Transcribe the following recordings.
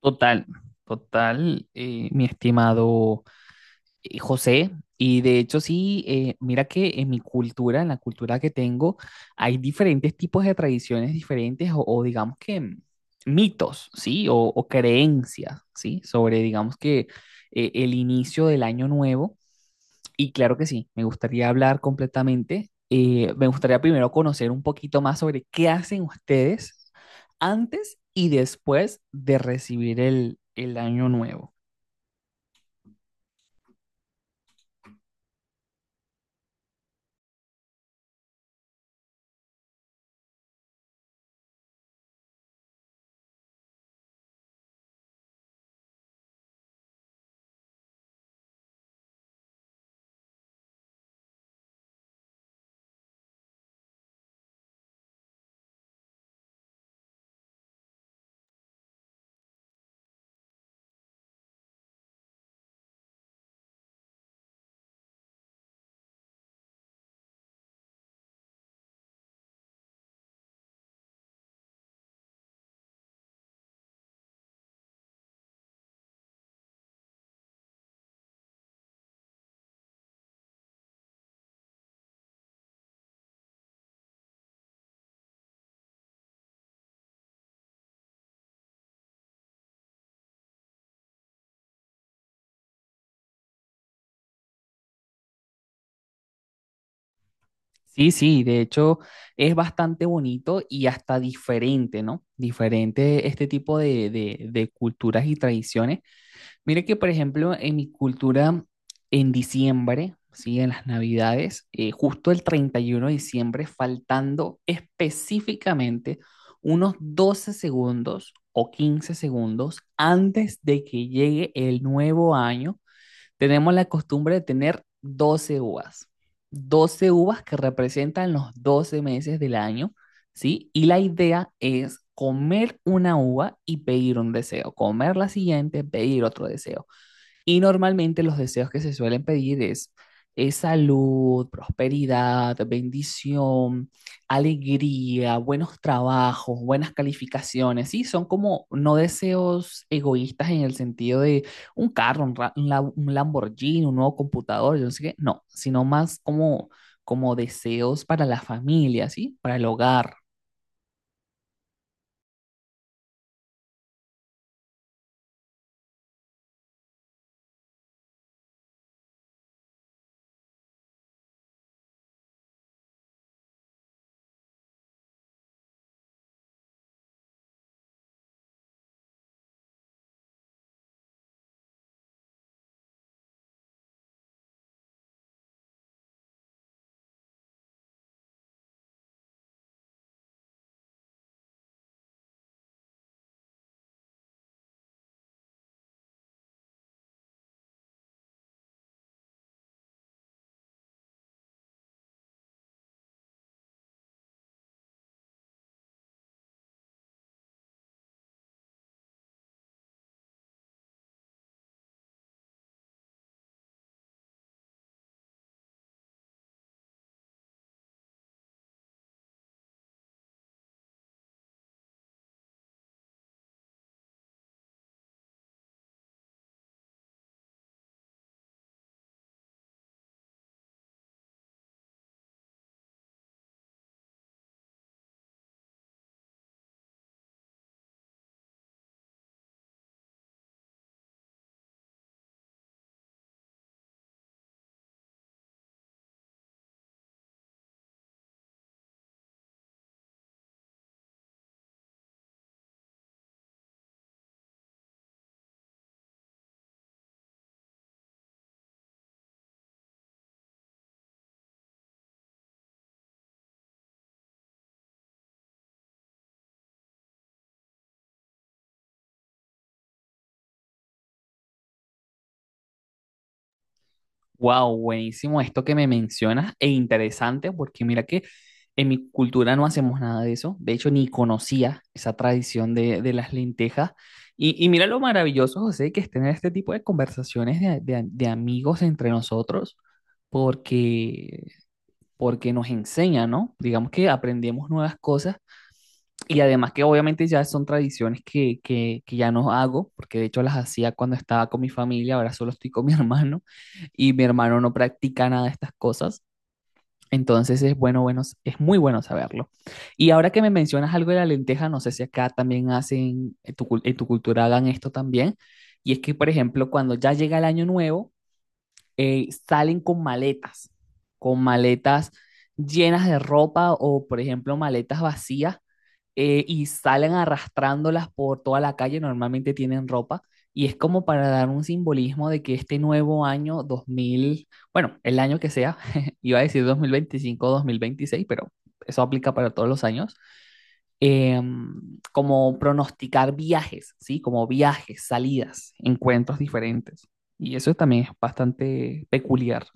Total, total, mi estimado José, y de hecho sí, mira que en mi cultura, en la cultura que tengo, hay diferentes tipos de tradiciones diferentes o digamos que mitos, ¿sí? O creencias, ¿sí? Sobre, digamos que el inicio del año nuevo. Y claro que sí, me gustaría hablar completamente. Me gustaría primero conocer un poquito más sobre qué hacen ustedes antes y después de recibir el año nuevo. Sí, sí, de hecho es bastante bonito y hasta diferente, ¿no? Diferente este tipo de culturas y tradiciones. Mire que, por ejemplo, en mi cultura, en diciembre, ¿sí? En las Navidades, justo el 31 de diciembre, faltando específicamente unos 12 segundos o 15 segundos antes de que llegue el nuevo año. Tenemos la costumbre de tener 12 uvas que representan los 12 meses del año, ¿sí? Y la idea es comer una uva y pedir un deseo, comer la siguiente, pedir otro deseo. Y normalmente los deseos que se suelen pedir es salud, prosperidad, bendición, alegría, buenos trabajos, buenas calificaciones, ¿sí? Son como no deseos egoístas en el sentido de un carro, un Lamborghini, un nuevo computador, yo no sé qué, no, sino más como, como deseos para la familia, ¿sí? Para el hogar. Wow, buenísimo esto que me mencionas e interesante porque mira que en mi cultura no hacemos nada de eso. De hecho, ni conocía esa tradición de las lentejas. Y mira lo maravilloso, José, que es tener este tipo de conversaciones de, de amigos entre nosotros, porque porque nos enseña, ¿no? Digamos que aprendemos nuevas cosas y además que obviamente ya son tradiciones que ya no hago, porque de hecho las hacía cuando estaba con mi familia, ahora solo estoy con mi hermano y mi hermano no practica nada de estas cosas. Entonces es bueno, es muy bueno saberlo. Y ahora que me mencionas algo de la lenteja, no sé si acá también hacen, en en tu cultura hagan esto también. Y es que, por ejemplo, cuando ya llega el año nuevo, salen con maletas llenas de ropa o, por ejemplo, maletas vacías y salen arrastrándolas por toda la calle, normalmente tienen ropa. Y es como para dar un simbolismo de que este nuevo año el año que sea, iba a decir 2025 o dos mil veintiséis, pero eso aplica para todos los años, eh, como pronosticar viajes, ¿sí? Como viajes, salidas, encuentros diferentes. Y eso también es bastante peculiar.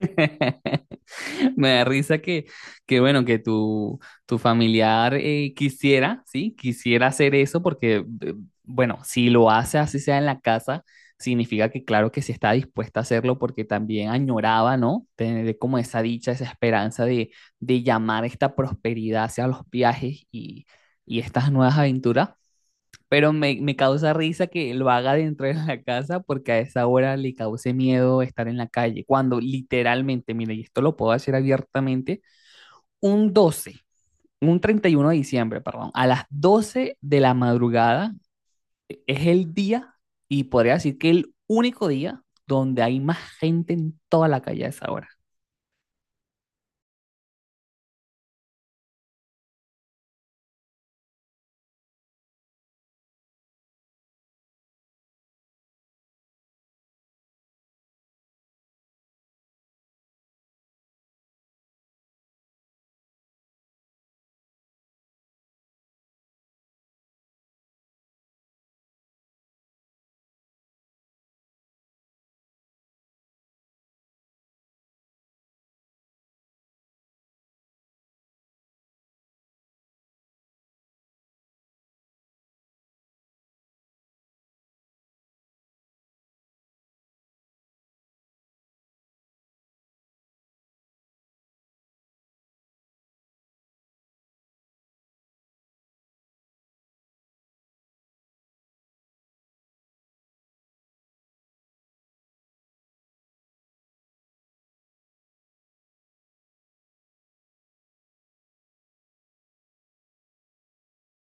Me da risa que bueno, que tu familiar quisiera, ¿sí? Quisiera hacer eso porque, bueno, si lo hace así sea en la casa, significa que claro que sí está dispuesta a hacerlo porque también añoraba, ¿no? Tener como esa dicha, esa esperanza de llamar esta prosperidad hacia los viajes y estas nuevas aventuras. Pero me causa risa que lo haga dentro de la casa porque a esa hora le cause miedo estar en la calle. Cuando literalmente, mire, y esto lo puedo decir abiertamente, un 12 un 31 de diciembre, perdón, a las 12 de la madrugada es el día y podría decir que el único día donde hay más gente en toda la calle a esa hora.